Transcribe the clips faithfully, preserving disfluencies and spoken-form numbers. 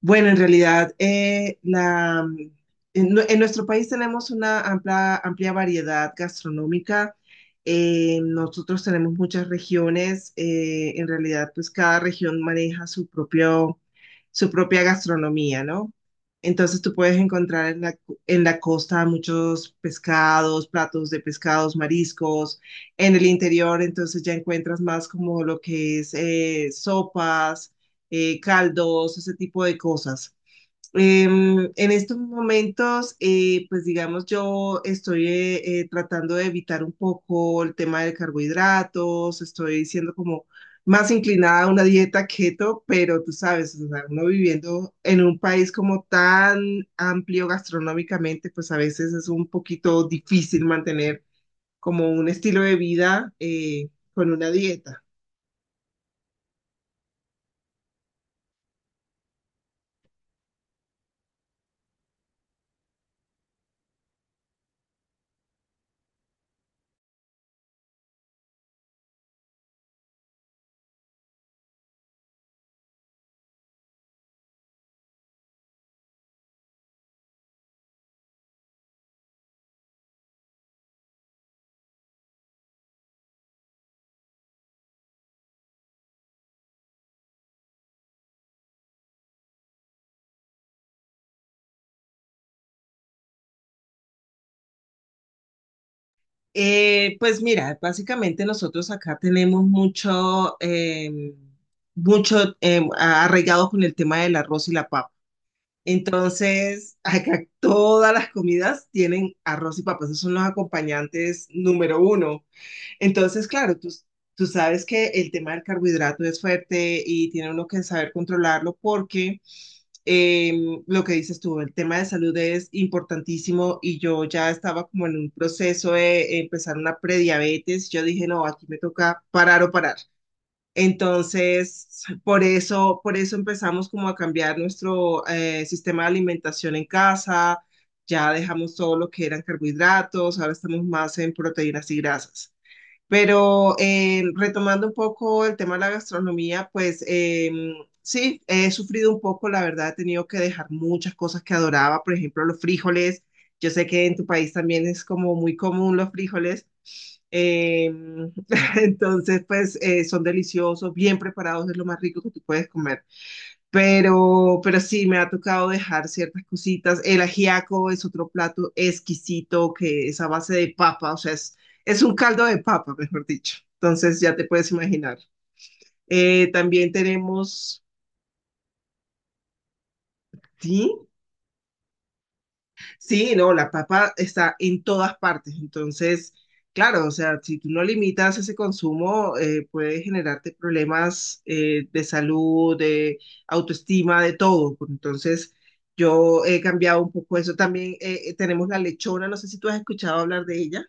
Bueno, en realidad, eh, la, mm, en, nue- en nuestro país tenemos una amplia, amplia variedad gastronómica. Eh, nosotros tenemos muchas regiones. Eh, en realidad, pues cada región maneja su propio, su propia gastronomía, ¿no? Entonces tú puedes encontrar en la, en la costa muchos pescados, platos de pescados, mariscos. En el interior, entonces ya encuentras más como lo que es eh, sopas, eh, caldos, ese tipo de cosas. Em, en estos momentos, eh, pues digamos, yo estoy eh, eh, tratando de evitar un poco el tema de carbohidratos, estoy siendo como más inclinada a una dieta keto, pero tú sabes, o sea, uno viviendo en un país como tan amplio gastronómicamente, pues a veces es un poquito difícil mantener como un estilo de vida eh, con una dieta. Eh, pues mira, básicamente nosotros acá tenemos mucho, eh, mucho eh, arraigado con el tema del arroz y la papa. Entonces, acá todas las comidas tienen arroz y papas, esos son los acompañantes número uno. Entonces, claro, tú, tú sabes que el tema del carbohidrato es fuerte y tiene uno que saber controlarlo porque em, lo que dices tú, el tema de salud es importantísimo y yo ya estaba como en un proceso de empezar una prediabetes. Yo dije, no, aquí me toca parar o parar. Entonces, por eso, por eso empezamos como a cambiar nuestro eh, sistema de alimentación en casa. Ya dejamos todo lo que eran carbohidratos, ahora estamos más en proteínas y grasas. Pero eh, retomando un poco el tema de la gastronomía, pues eh, sí, he sufrido un poco, la verdad, he tenido que dejar muchas cosas que adoraba, por ejemplo, los frijoles. Yo sé que en tu país también es como muy común los frijoles. Eh, entonces, pues eh, son deliciosos, bien preparados, es lo más rico que tú puedes comer. Pero, pero sí, me ha tocado dejar ciertas cositas. El ajiaco es otro plato exquisito que es a base de papa, o sea, es, es un caldo de papa, mejor dicho. Entonces ya te puedes imaginar. Eh, también tenemos, ¿sí? Sí, no, la papa está en todas partes. Entonces, claro, o sea, si tú no limitas ese consumo, eh, puede generarte problemas eh, de salud, de autoestima, de todo. Entonces, yo he cambiado un poco eso. También eh, tenemos la lechona, no sé si tú has escuchado hablar de ella.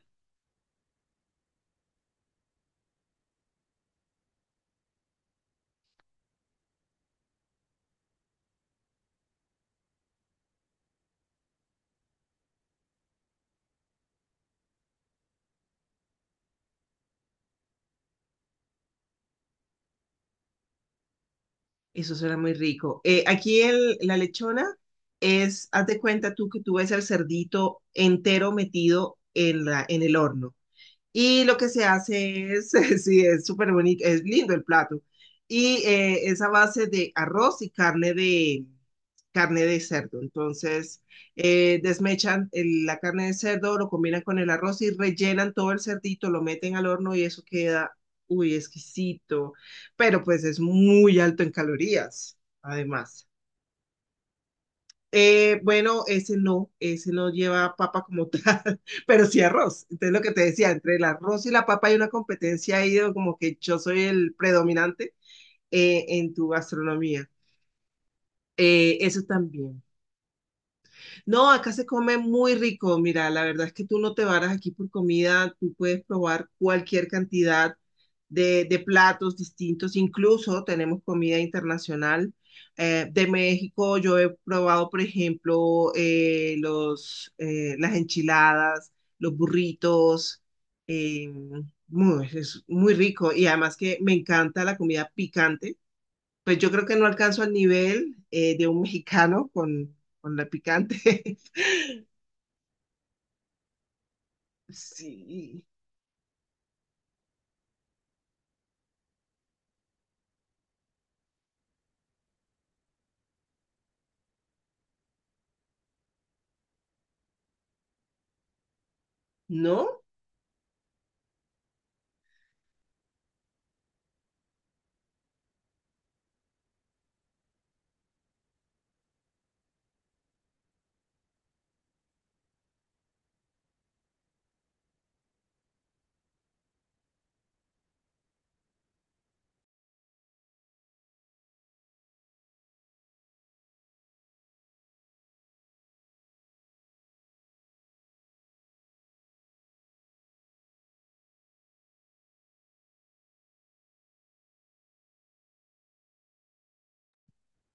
Eso suena muy rico. Eh, aquí el- la lechona es, haz de cuenta tú que tú ves el cerdito entero metido en la, en el horno. Y lo que se hace es, sí, es súper bonito, es lindo el plato. Y eh, es a base de arroz y carne de, carne de cerdo. Entonces, eh, desmechan el- la carne de cerdo, lo combinan con el arroz y rellenan todo el cerdito, lo meten al horno y eso queda, uy, exquisito. Pero pues es muy alto en calorías, además. Eh, bueno, ese no, ese no lleva papa como tal, pero sí arroz. Entonces lo que te decía, entre el arroz y la papa hay una competencia ahí de como que yo soy el predominante eh, en tu gastronomía. Eh, eso también. No, acá se come muy rico. Mira, la verdad es que tú no te varas aquí por comida, tú puedes probar cualquier cantidad de, de platos distintos, incluso tenemos comida internacional. Eh, de México yo he probado, por ejemplo, eh, los, eh, las enchiladas, los burritos, eh, muy, es muy rico y además que me encanta la comida picante. Pues yo creo que no alcanzo al nivel eh, de un mexicano con, con la picante. Sí, ¿no?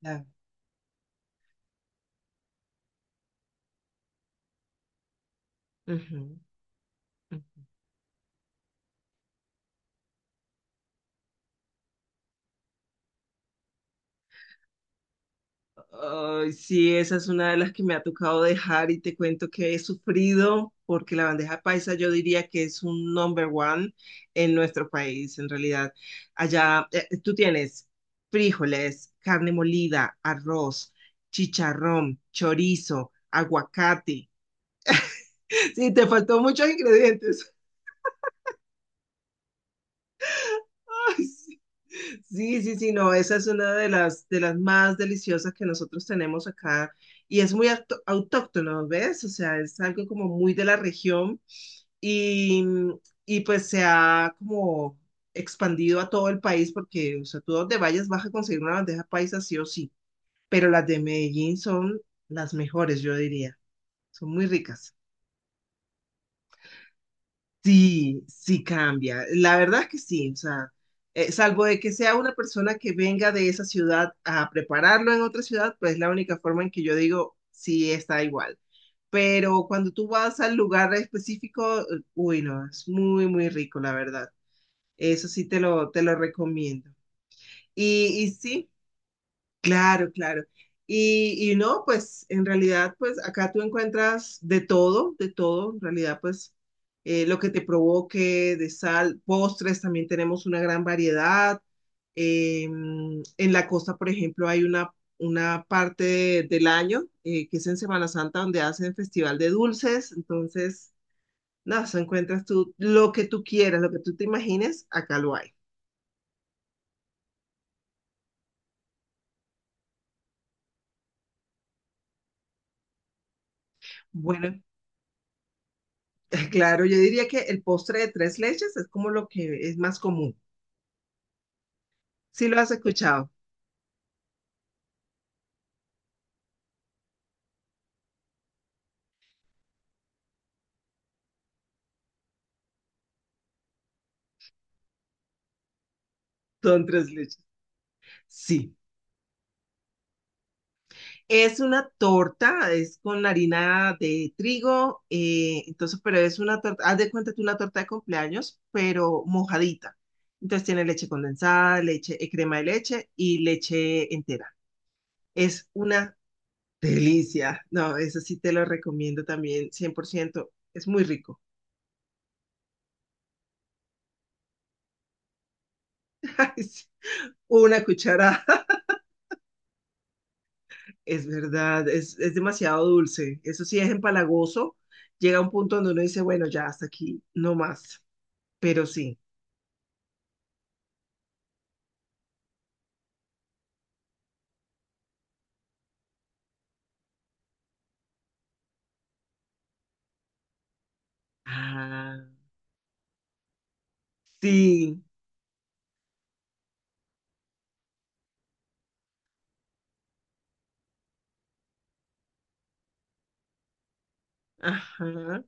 Ah, ujú, ujú. Ay, sí, esa es una de las que me ha tocado dejar y te cuento que he sufrido porque la bandeja paisa yo diría que es un number one en nuestro país, en realidad. Allá eh, tú tienes frijoles, carne molida, arroz, chicharrón, chorizo, aguacate. Sí, te faltó muchos ingredientes. Ay, sí. Sí, sí, sí, no, esa es una de las, de las más deliciosas que nosotros tenemos acá y es muy auto- autóctono, ¿ves? O sea, es algo como muy de la región y, y pues se ha como expandido a todo el país porque, o sea, tú donde vayas vas a conseguir una bandeja paisa sí o sí, pero las de Medellín son las mejores, yo diría, son muy ricas. Sí, sí cambia. La verdad es que sí, o sea, eh, salvo de que sea una persona que venga de esa ciudad a prepararlo en otra ciudad, pues es la única forma en que yo digo, sí está igual. Pero cuando tú vas al lugar específico, eh, uy, no, es muy, muy rico, la verdad. Eso sí te lo, te lo recomiendo. Y, y sí, claro, claro. Y, y no, pues en realidad, pues acá tú encuentras de todo, de todo, en realidad, pues eh, lo que te provoque, de sal, postres, también tenemos una gran variedad. Eh, en la costa, por ejemplo, hay una, una parte de- del año, eh, que es en Semana Santa, donde hacen festival de dulces, entonces, nada, eso encuentras tú lo que tú quieras, lo que tú te imagines, acá lo hay. Bueno, claro, yo diría que el postre de tres leches es como lo que es más común. Sí lo has escuchado, son tres leches. Sí, es una torta, es con harina de trigo, eh, entonces, pero es una torta, haz de cuenta tú una torta de cumpleaños, pero mojadita. Entonces tiene leche condensada, leche, eh, crema de leche y leche entera. Es una delicia. No, eso sí te lo recomiendo también, cien por ciento. Es muy rico. Ay, sí. Una cucharada. Es verdad, es, es demasiado dulce. Eso sí es empalagoso. Llega un punto donde uno dice, bueno, ya hasta aquí, no más. Pero sí. Ah, sí. Ajá.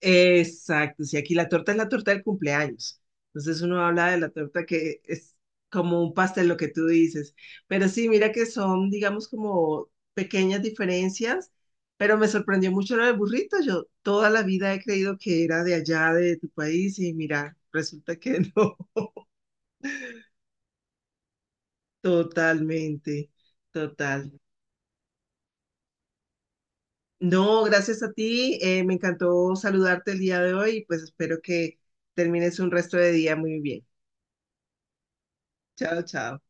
Exacto. Sí, aquí la torta es la torta del cumpleaños. Entonces uno habla de la torta que es como un pastel, lo que tú dices. Pero sí, mira que son, digamos, como pequeñas diferencias. Pero me sorprendió mucho lo del burrito. Yo toda la vida he creído que era de allá, de tu país, y mira, resulta que no. Totalmente, total. No, gracias a ti. Eh, me encantó saludarte el día de hoy y pues espero que termines un resto de día muy bien. Chao, chao.